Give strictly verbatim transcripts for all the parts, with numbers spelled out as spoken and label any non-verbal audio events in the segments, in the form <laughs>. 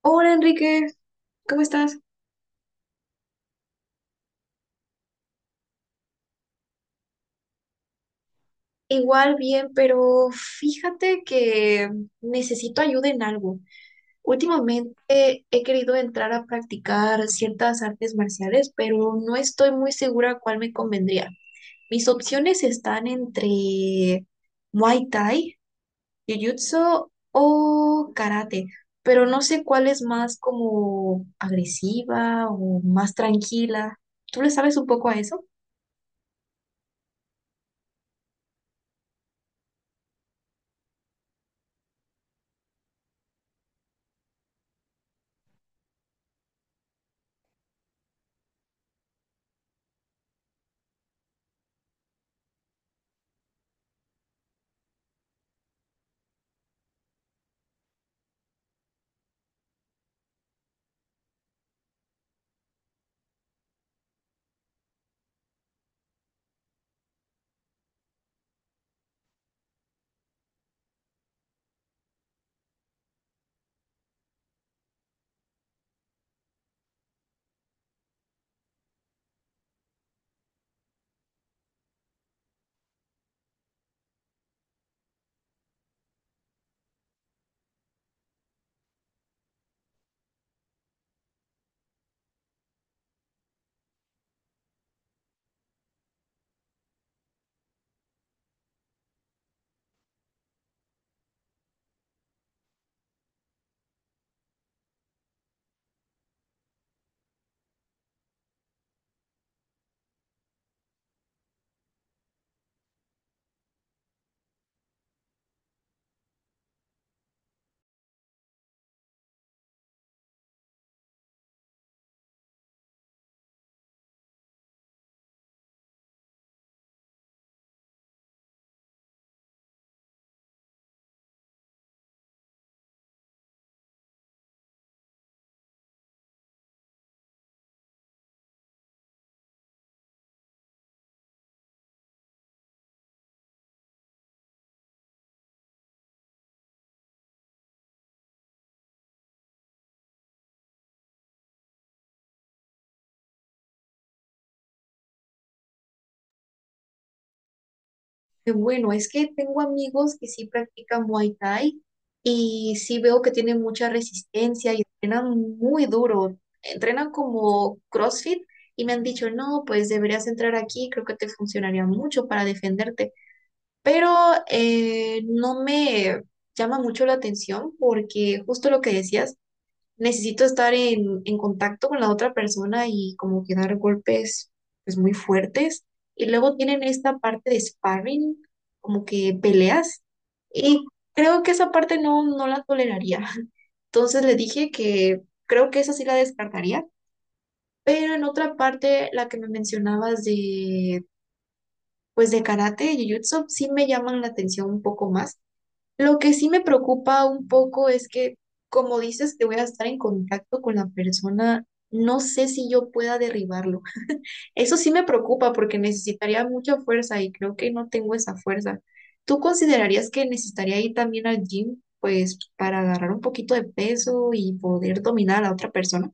Hola Enrique, ¿cómo estás? Igual bien, pero fíjate que necesito ayuda en algo. Últimamente he querido entrar a practicar ciertas artes marciales, pero no estoy muy segura cuál me convendría. Mis opciones están entre Muay Thai, Jiu-Jitsu o Karate, pero no sé cuál es más como agresiva o más tranquila. ¿Tú le sabes un poco a eso? Qué bueno, es que tengo amigos que sí practican Muay Thai y sí veo que tienen mucha resistencia y entrenan muy duro. Entrenan como CrossFit y me han dicho, no, pues deberías entrar aquí, creo que te funcionaría mucho para defenderte. Pero eh, no me llama mucho la atención porque justo lo que decías, necesito estar en, en contacto con la otra persona y como que dar golpes pues muy fuertes. Y luego tienen esta parte de sparring, como que peleas. Y creo que esa parte no, no la toleraría. <laughs> Entonces le dije que creo que esa sí la descartaría. Pero en otra parte, la que me mencionabas de, pues de karate y jiu-jitsu, sí me llaman la atención un poco más. Lo que sí me preocupa un poco es que, como dices, que voy a estar en contacto con la persona, no sé si yo pueda derribarlo. Eso sí me preocupa porque necesitaría mucha fuerza y creo que no tengo esa fuerza. ¿Tú considerarías que necesitaría ir también al gym, pues, para agarrar un poquito de peso y poder dominar a la otra persona?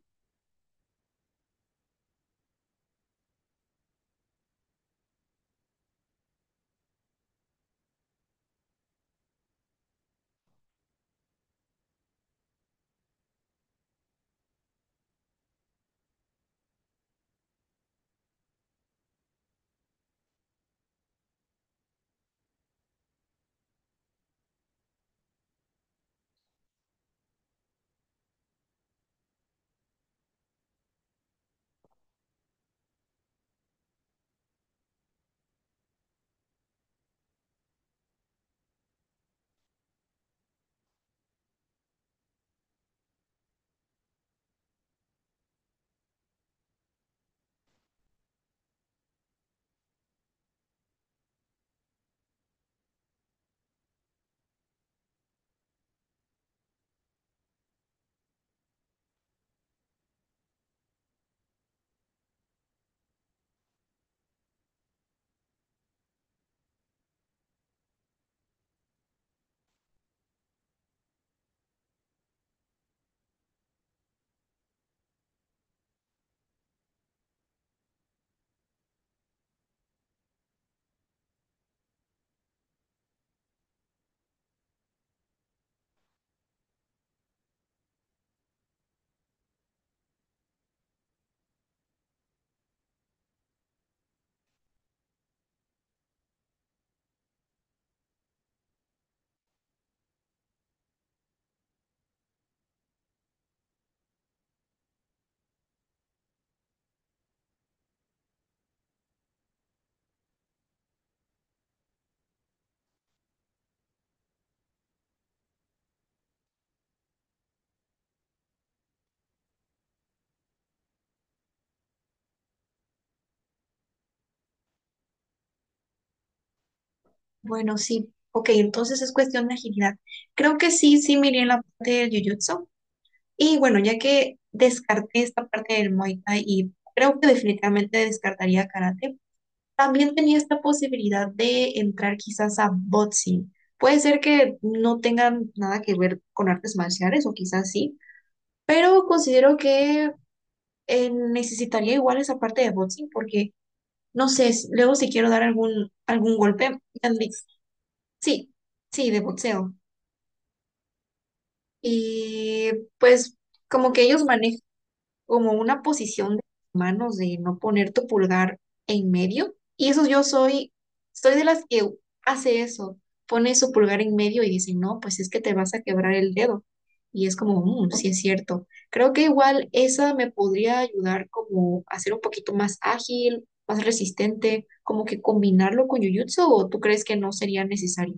Bueno, sí. Ok, entonces es cuestión de agilidad. Creo que sí, sí me iría en la parte del jiu-jitsu. Y bueno, ya que descarté esta parte del Muay Thai y creo que definitivamente descartaría karate, también tenía esta posibilidad de entrar quizás a boxing. Puede ser que no tengan nada que ver con artes marciales o quizás sí, pero considero que eh, necesitaría igual esa parte de boxing porque no sé, s- luego si quiero dar algún, algún golpe, tal. Sí, sí, de boxeo. Y pues como que ellos manejan como una posición de manos de no poner tu pulgar en medio. Y eso yo soy, soy de las que hace eso, pone su pulgar en medio y dice, no, pues es que te vas a quebrar el dedo. Y es como, "Mm, sí es cierto. Creo que igual esa me podría ayudar como a ser un poquito más ágil, más resistente, como que combinarlo con Jujutsu, o tú crees que no sería necesario".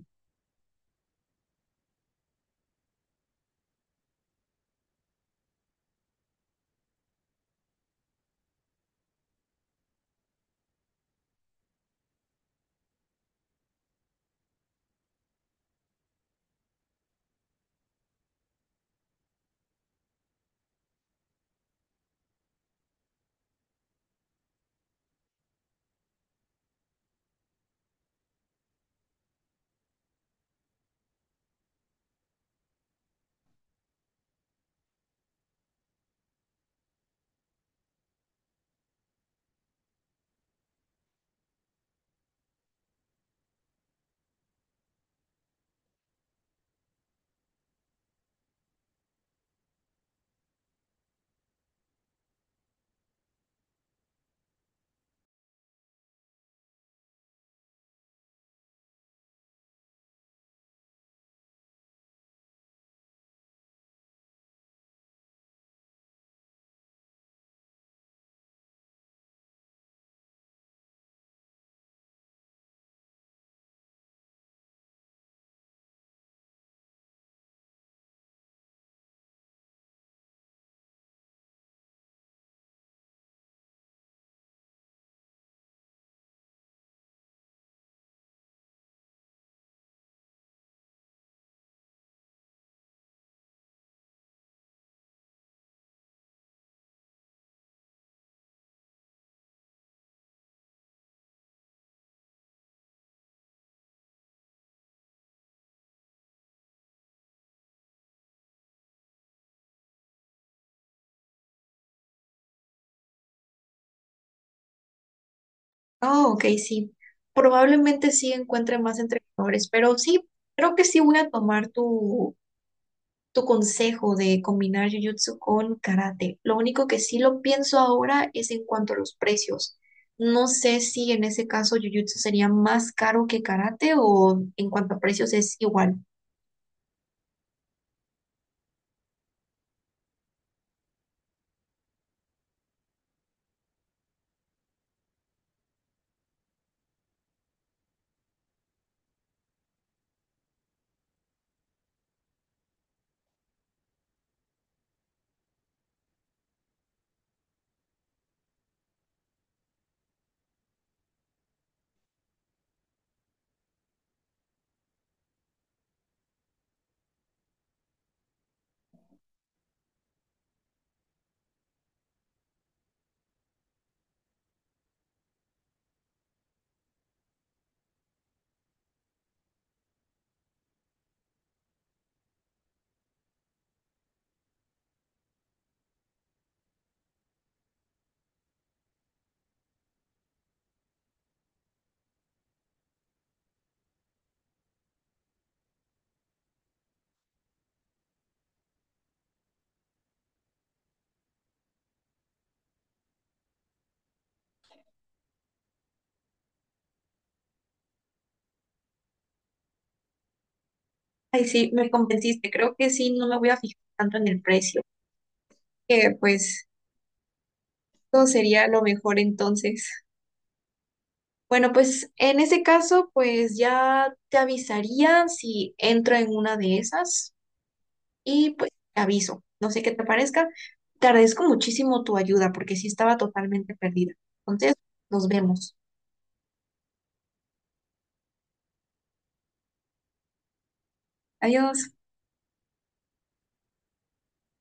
Oh, ok, sí. Probablemente sí encuentre más entrenadores, pero sí, creo que sí voy a tomar tu, tu consejo de combinar jiu jitsu con karate. Lo único que sí lo pienso ahora es en cuanto a los precios. No sé si en ese caso jiu jitsu sería más caro que karate o en cuanto a precios es igual. Ay, sí, me convenciste. Creo que sí, no me voy a fijar tanto en el precio. Que pues todo sería lo mejor entonces. Bueno, pues en ese caso, pues ya te avisaría si entro en una de esas. Y pues te aviso, no sé qué te parezca. Te agradezco muchísimo tu ayuda porque sí estaba totalmente perdida. Entonces, nos vemos. Adiós.